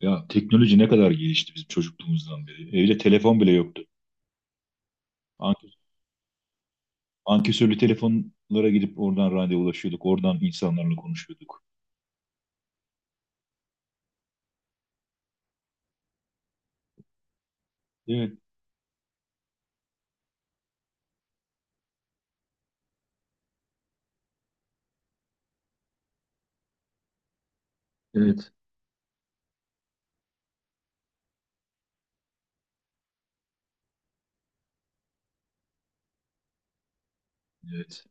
Ya teknoloji ne kadar gelişti bizim çocukluğumuzdan beri. Evde telefon bile yoktu. Ank- Ankesörlü telefonlara gidip oradan randevulaşıyorduk. Oradan insanlarla konuşuyorduk. Evet. Evet. Evet.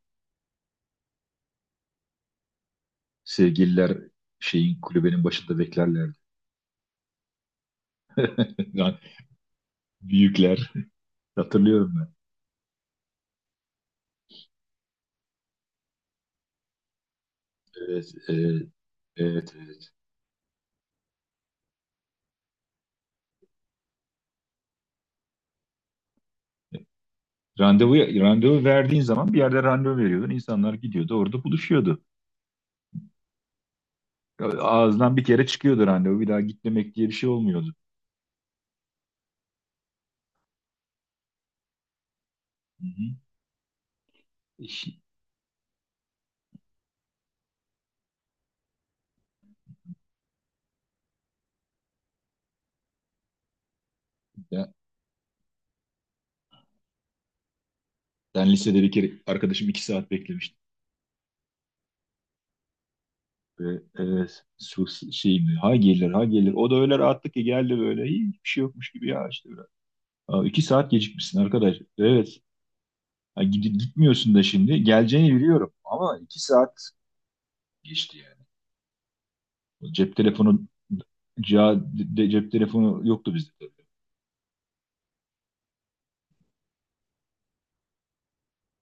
Sevgililer kulübenin başında beklerlerdi. Yani Büyükler. Hatırlıyorum ben. Evet. Evet. Evet. Evet. Randevu verdiğin zaman bir yerde randevu veriyordun. İnsanlar gidiyordu. Orada buluşuyordu. Ağızdan bir kere çıkıyordu randevu. Bir daha git demek diye bir şey olmuyordu. Hı hı. İş- Ben lisede bir kere arkadaşım iki saat beklemiştim. Ve, e, Şey mi? Ha gelir, ha gelir. O da öyle rahatlık ki geldi böyle. "İyi, hiçbir şey yokmuş gibi ya işte. Biraz." Aa, iki saat gecikmişsin arkadaş. Evet. Ha, gitmiyorsun da şimdi. Geleceğini biliyorum. Ama iki saat geçti yani. O Cep telefonu ca- de- Cep telefonu yoktu bizde, tabii.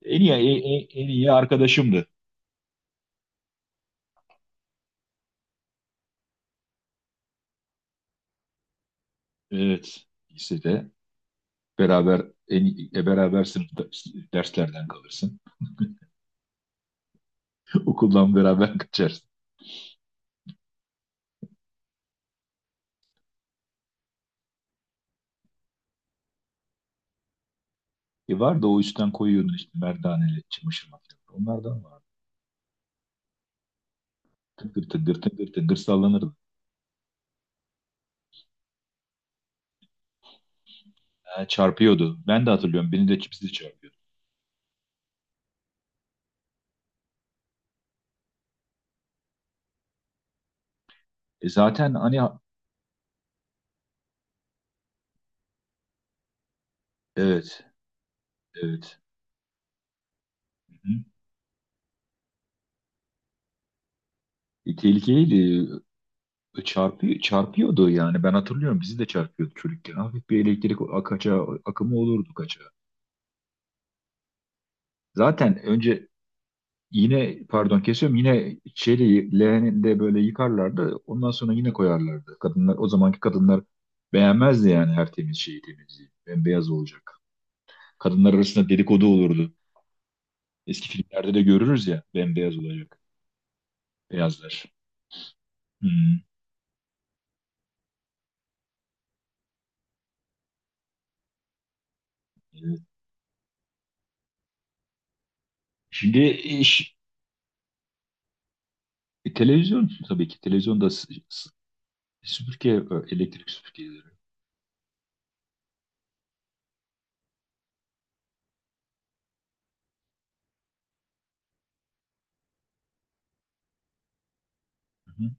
En iyi arkadaşımdı. Evet. Lisede beraber, en, beraber sınıfta derslerden kalırsın. Okuldan beraber kaçarsın. E, vardı, o üstten koyuyordun işte, merdaneli çamaşır makinesi. Onlardan vardı. Tıngır tıngır tıngır tıngır sallanırdı. Ha, çarpıyordu. Ben de hatırlıyorum. Beni de çipsi de çarpıyordu. E zaten hani evet, evet. Hı hı. E, tehlikeliydi. E, çarpıyordu yani. Ben hatırlıyorum. Bizi de çarpıyordu çocukken. Hafif bir elektrik akımı olurdu kaça. Zaten önce, yine pardon kesiyorum, yine çeliği leğeninde böyle yıkarlardı. Ondan sonra yine koyarlardı. Kadınlar, o zamanki kadınlar beğenmezdi yani her temiz şeyi, temizliği. Bembeyaz olacak. Kadınlar arasında dedikodu olurdu. Eski filmlerde de görürüz ya, bembeyaz olacak beyazlar. Hmm, evet. Şimdi iş, Televizyon, tabii ki televizyonda süpürge, elektrik süpürgeleri. Hı hı.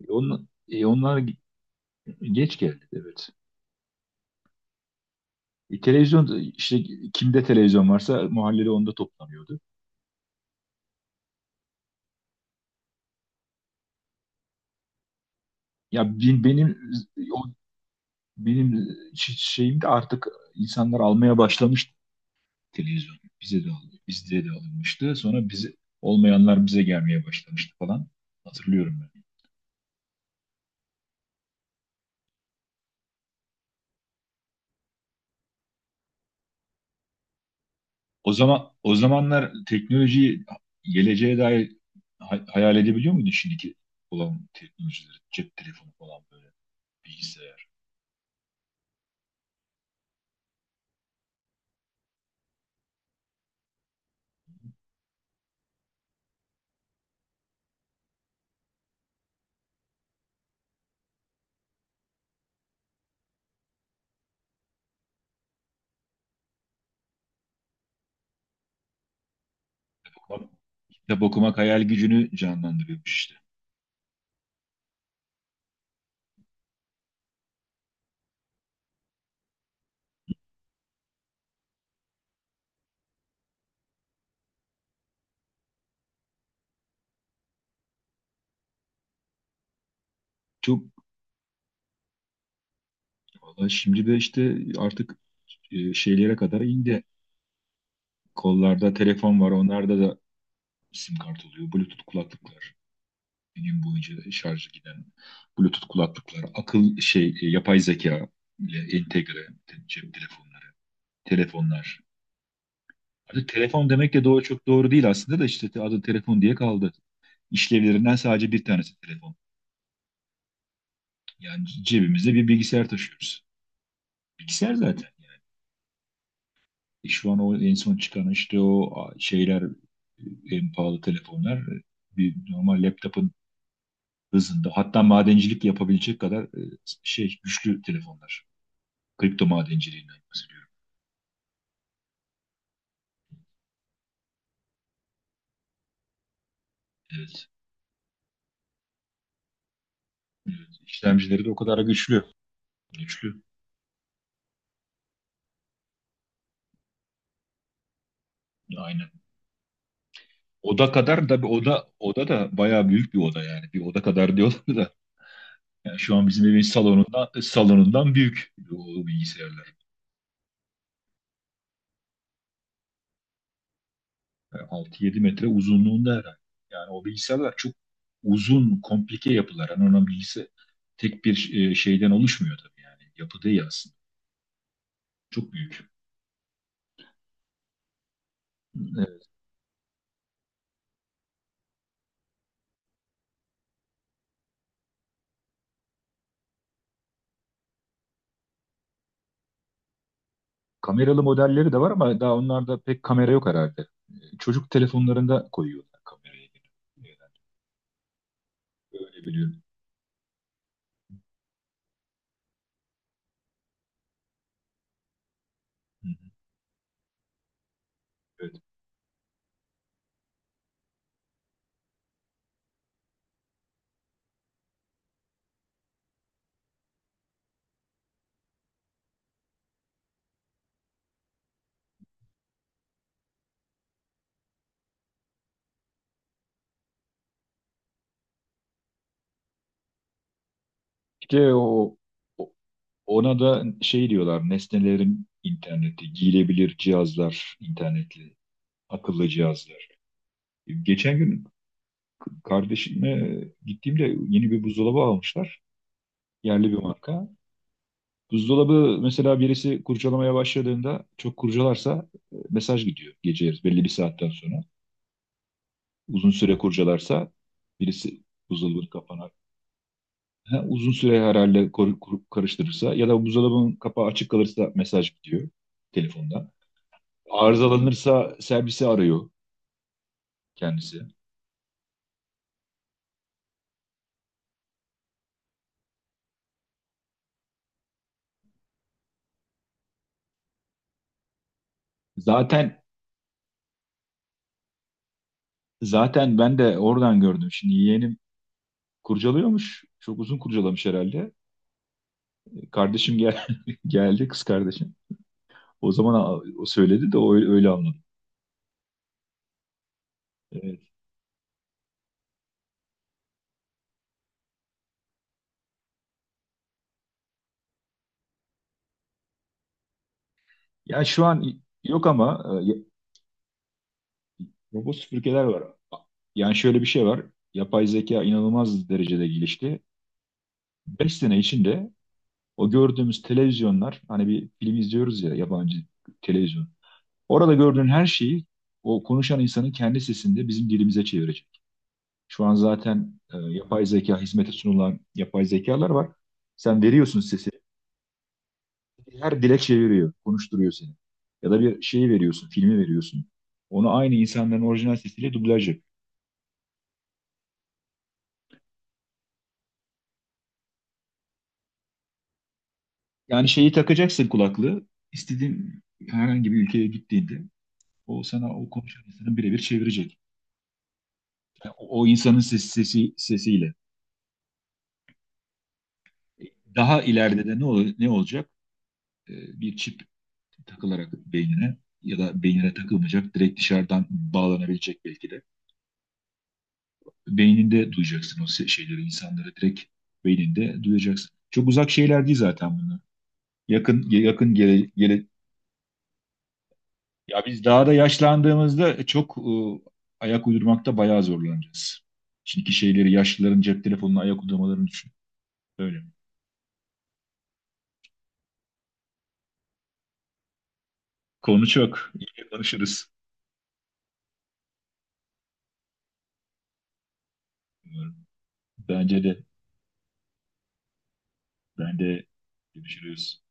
E, onlar, Onlar geç geldi, evet. E, televizyon işte, kimde televizyon varsa mahallede, onda toplanıyordu. Benim o benim şeyim de, artık insanlar almaya başlamış televizyonu. Bize de aldı, bizde de alınmıştı. Sonra bize olmayanlar bize gelmeye başlamıştı falan. Hatırlıyorum ben. O zamanlar teknolojiyi, geleceğe dair hayal edebiliyor muydun şimdiki olan teknolojileri? Cep telefonu falan, böyle bilgisayar. Kitap okumak hayal gücünü canlandırıyormuş işte. Çok. Valla şimdi de işte artık şeylere kadar indi. Kollarda telefon var, onlarda da sim kart oluyor. Bluetooth kulaklıklar. Bir gün boyunca şarjı giden Bluetooth kulaklıklar. Yapay zeka ile entegre cep telefonları, telefonlar. Hadi telefon demek de doğru, çok doğru değil aslında da, işte adı telefon diye kaldı. İşlevlerinden sadece bir tanesi telefon. Yani cebimizde bir bilgisayar taşıyoruz. Bilgisayar zaten. Şu an o en son çıkan işte o şeyler, en pahalı telefonlar, bir normal laptopun hızında, hatta madencilik yapabilecek kadar güçlü telefonlar. Kripto madenciliğinden bahsediyorum. Evet. Evet. İşlemcileri de o kadar güçlü. Güçlü. Aynen. Oda kadar da, bir oda oda da bayağı büyük bir oda yani. Bir oda kadar diyorlar da. Yani şu an bizim evin salonundan büyük o bilgisayarlar. E, 6-7 metre uzunluğunda herhalde. Yani o bilgisayarlar çok uzun, komplike yapılar. Yani onun bilgisi tek bir şeyden oluşmuyor tabii yani. Yapı değil aslında. Çok büyük. E, kameralı modelleri de var ama daha onlarda pek kamera yok herhalde. Çocuk telefonlarında koyuyorlar kamerayı. Yani öyle biliyorum. Hı hı. Evet. İşte o, o- ona da şey diyorlar: nesnelerin interneti, giyilebilir cihazlar, internetli, akıllı cihazlar. Geçen gün kardeşimle gittiğimde, yeni bir buzdolabı almışlar. Yerli bir marka. Buzdolabı mesela, birisi kurcalamaya başladığında, çok kurcalarsa mesaj gidiyor gece yarısı belli bir saatten sonra. Uzun süre kurcalarsa birisi buzdolabının kapağını, ha, uzun süre herhalde karıştırırsa ya da buzdolabının kapağı açık kalırsa mesaj gidiyor telefonda. Arızalanırsa servisi arıyor kendisi. Zaten zaten ben de oradan gördüm. Şimdi yeğenim kurcalıyormuş. Çok uzun kurcalamış herhalde. Kardeşim gel geldi kız kardeşim. O zaman o söyledi de, öyle anladım. Evet. Ya şu an yok ama, robot süpürgeler var. Yani şöyle bir şey var. Yapay zeka inanılmaz derecede gelişti. 5 sene içinde o gördüğümüz televizyonlar, hani bir film izliyoruz ya, yabancı televizyon. Orada gördüğün her şeyi, o konuşan insanın kendi sesinde bizim dilimize çevirecek. Şu an zaten e, yapay zeka hizmete sunulan yapay zekalar var. Sen veriyorsun sesi, her dilekçe veriyor, konuşturuyor seni. Ya da bir şeyi veriyorsun, filmi veriyorsun. Onu aynı insanların orijinal sesiyle dublaj yap. Yani şeyi takacaksın, kulaklığı. İstediğin herhangi bir ülkeye gittiğinde, o sana o konuşan insanı birebir çevirecek. Yani o, o insanın sesiyle. Daha ileride de ne olacak? Bir çip takılarak beynine, ya da beynine takılmayacak, direkt dışarıdan bağlanabilecek belki de. Beyninde duyacaksın o şeyleri, insanlara direkt beyninde duyacaksın. Çok uzak şeyler değil zaten bunlar. Yakın yakın gele, ya biz daha da yaşlandığımızda çok ayak uydurmakta bayağı zorlanacağız. Şimdiki şeyleri, yaşlıların cep telefonuna ayak uydurmalarını düşün. Öyle. Konu çok. İyi konuşuruz. Umarım. Bence de. Ben de. Görüşürüz.